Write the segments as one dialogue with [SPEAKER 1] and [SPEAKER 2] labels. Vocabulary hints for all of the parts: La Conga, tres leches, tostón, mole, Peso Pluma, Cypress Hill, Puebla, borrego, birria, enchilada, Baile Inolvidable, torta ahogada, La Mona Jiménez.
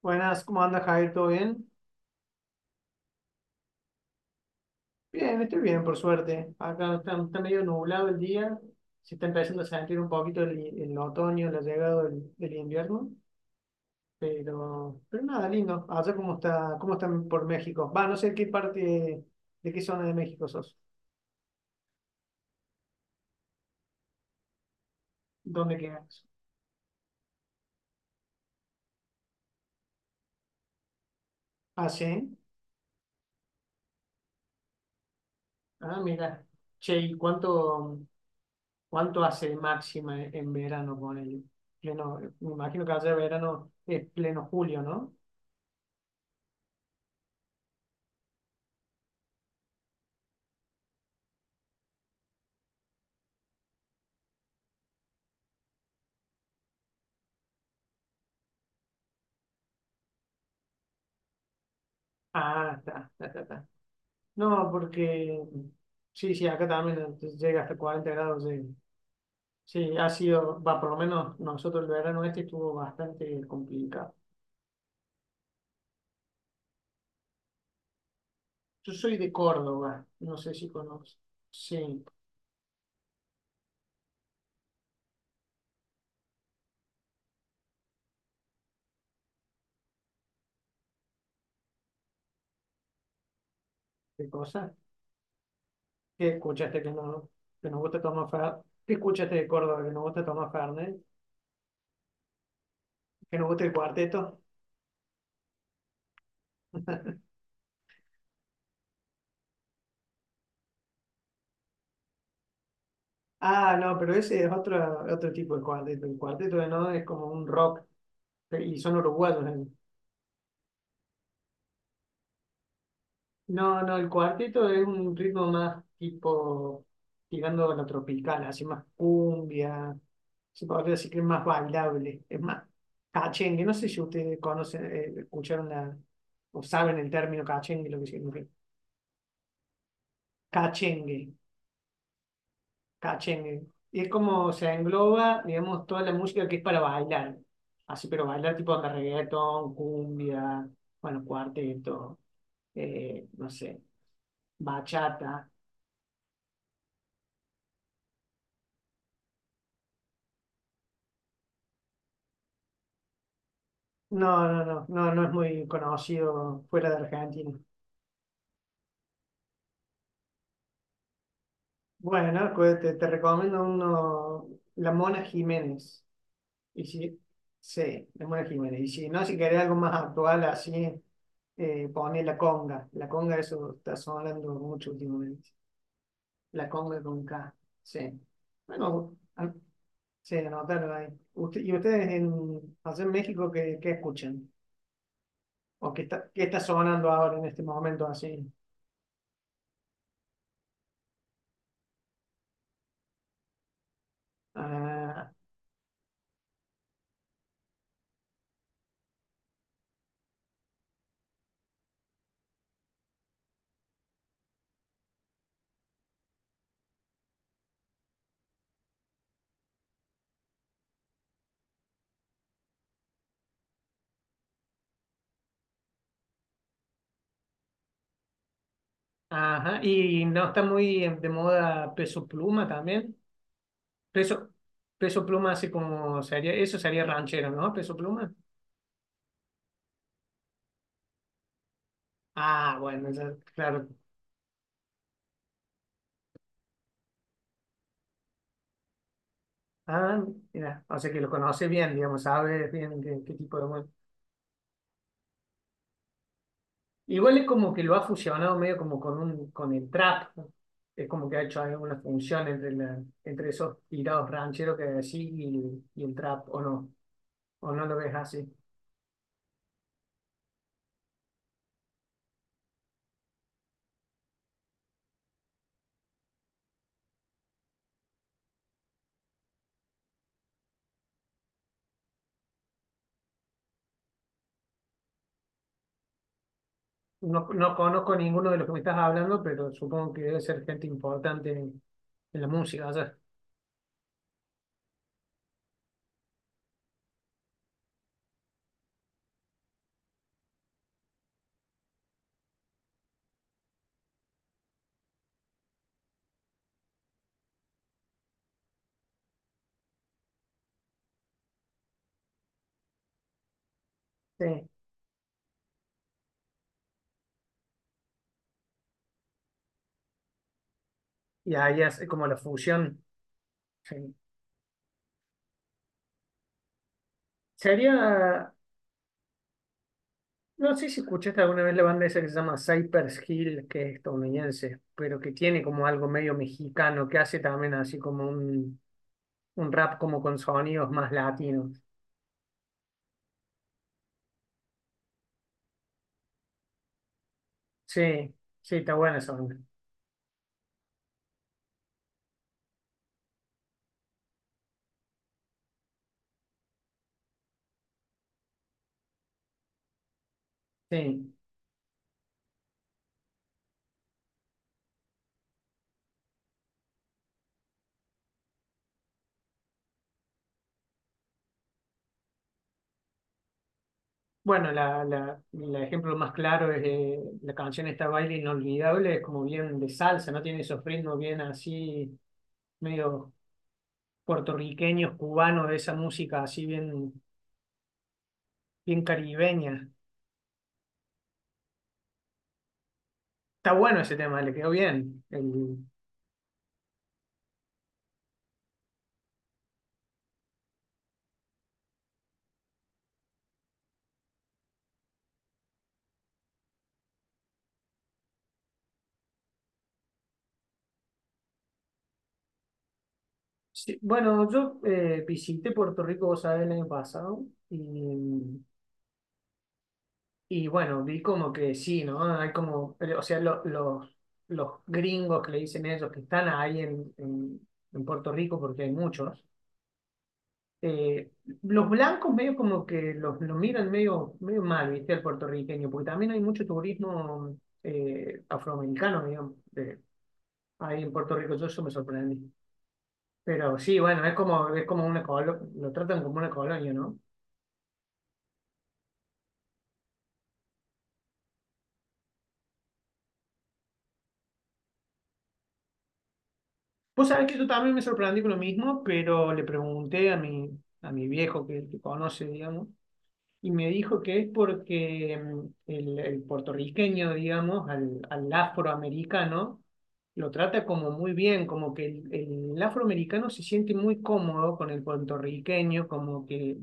[SPEAKER 1] Buenas, ¿cómo anda Javier? ¿Todo bien? Bien, estoy bien, por suerte. Acá está medio nublado el día. Se está empezando a sentir un poquito el otoño, la llegada del invierno. Pero nada, lindo. ¿Allá cómo está, cómo están por México? Va, no sé qué parte, de qué zona de México sos. ¿Dónde quedas? Ah, sí. Ah, mira. Che, ¿y cuánto hace de máxima en verano con el pleno? Me imagino que allá de verano es pleno julio, ¿no? Ah, está, está, está. Está. No, porque sí, sí, acá también llega hasta 40 grados. Sí, ha sido, va, por lo menos nosotros el verano este estuvo bastante complicado. Yo soy de Córdoba, no sé si conoces. Sí, ¿qué cosa? ¿Qué escuchaste que, no, que nos gusta tomar Fernet? ¿Qué escuchaste de Córdoba que nos gusta tomar Fernet? ¿Que nos gusta el cuarteto? Ah, no, pero ese es otro tipo de cuarteto. El cuarteto de no es como un rock y son uruguayos. No, no, el cuarteto es un ritmo más tipo tirando a lo tropical, así más cumbia, se podría decir que es más bailable, es más cachengue. No sé si ustedes conocen, escucharon o saben el término cachengue, lo que significa. Cachengue, cachengue. Y es como se engloba, digamos, toda la música que es para bailar. Así, pero bailar tipo de reggaetón, cumbia, bueno, cuarteto, no sé bachata. No, no, no, no, no es muy conocido fuera de Argentina. Bueno, te recomiendo uno, La Mona Jiménez. Y si, sí, La Mona Jiménez. Y si no, si querés algo más actual, así, pone La Conga. La Conga, eso está sonando mucho últimamente. La Conga con K. Sí. Bueno, sí, anótalo ahí. ¿Y ustedes allá en México qué escuchan? ¿O qué está sonando ahora en este momento así? Ah. Ajá, y no está muy de moda peso pluma también. Peso, peso pluma así como sería, eso sería ranchero, ¿no? Peso pluma. Ah, bueno, ya, claro. Ah, mira, o sea que lo conoce bien, digamos, sabe bien qué tipo de música. Igual es como que lo ha fusionado medio como con el trap, ¿no? Es como que ha hecho alguna función entre entre esos tirados rancheros que hay así y el trap, o no lo ves así. No, no conozco ninguno de los que me estás hablando, pero supongo que debe ser gente importante en la música allá. Sí. Y ahí hace como la fusión. Sí. Sería, no sé si escuchaste alguna vez la banda esa que se llama Cypress Hill, que es estadounidense, pero que tiene como algo medio mexicano, que hace también así como un rap como con sonidos más latinos. Sí, sí, está buena esa banda. Sí. Bueno, el ejemplo más claro es la canción esta Baile Inolvidable, es como bien de salsa, no tiene esos ritmos bien así, medio puertorriqueños, cubanos, de esa música así bien, bien caribeña. Está bueno ese tema, le quedó bien. Sí, bueno, yo visité Puerto Rico, vos sabés, el año pasado y, y bueno, vi como que sí, ¿no? Hay como, o sea, los gringos que le dicen ellos que están ahí en Puerto Rico, porque hay muchos eh, los blancos medio como que los miran medio, medio mal, ¿viste? Al puertorriqueño, porque también hay mucho turismo afroamericano, digamos, ahí en Puerto Rico, yo eso me sorprendí. Pero sí, bueno, es como una colonia, lo tratan como una colonia, ¿no? Vos sabés que yo también me sorprendí con lo mismo, pero le pregunté a mi viejo que conoce, digamos, y me dijo que es porque el puertorriqueño, digamos, al afroamericano, lo trata como muy bien, como que el afroamericano se siente muy cómodo con el puertorriqueño, como que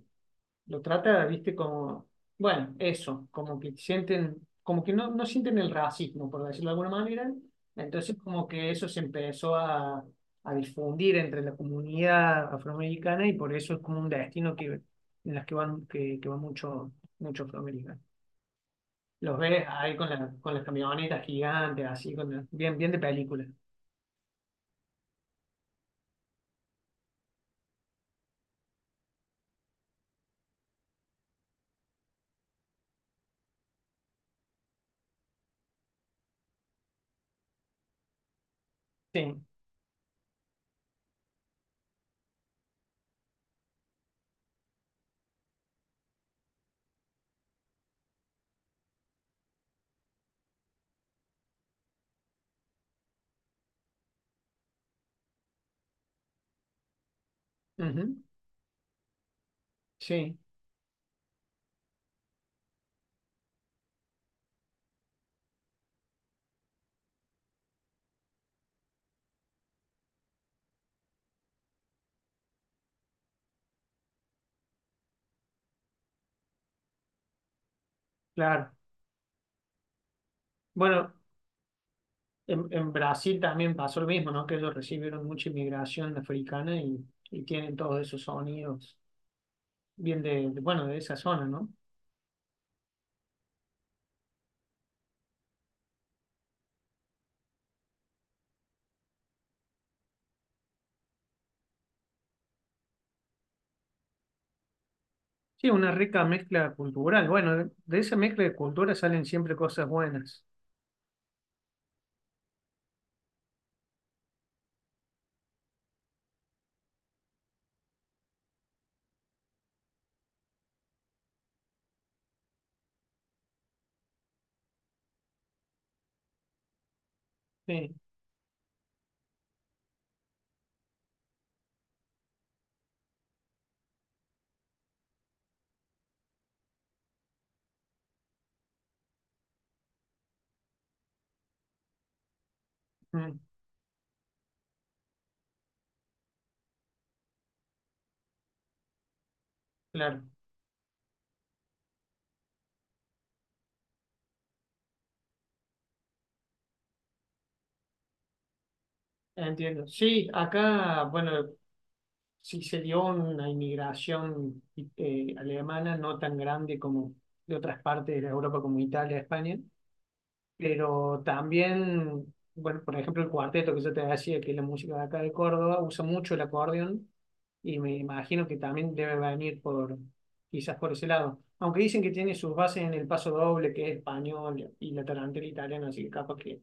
[SPEAKER 1] lo trata, viste, como, bueno, eso, como que sienten, como que no sienten el racismo, por decirlo de alguna manera. Entonces, como que eso se empezó a difundir entre la comunidad afroamericana y por eso es como un destino que, en las que van, que van mucho, mucho afroamericano. Los ves ahí con las camionetas gigantes, así, bien, bien de película. Sí, ujú, sí, claro. Bueno, en Brasil también pasó lo mismo, ¿no? Que ellos recibieron mucha inmigración africana y tienen todos esos sonidos, bien bueno, de esa zona, ¿no? Sí, una rica mezcla cultural. Bueno, de esa mezcla de culturas salen siempre cosas buenas. Sí, mm, claro, entiendo. Sí, acá, bueno, sí se dio una inmigración alemana no tan grande como de otras partes de Europa, como Italia, España. Pero también, bueno, por ejemplo, el cuarteto que yo te decía, que es la música de acá de Córdoba, usa mucho el acordeón y me imagino que también debe venir quizás por ese lado. Aunque dicen que tiene sus bases en el paso doble, que es español y la tarantela italiana, así que capaz que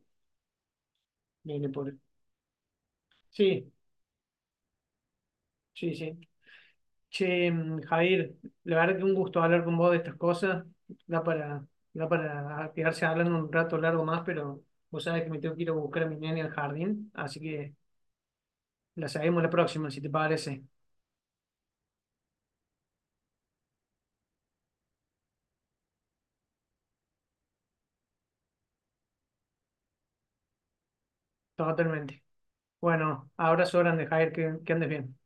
[SPEAKER 1] viene por... Sí, sí, sí. Che, Jair, la verdad que un gusto hablar con vos de estas cosas. Da para, da para quedarse hablando un rato largo más, pero vos sabés que me tengo que ir a buscar a mi nene al jardín, así que... La seguimos la próxima, si te parece. Totalmente. Bueno, abrazo grande, Jair, que andes bien.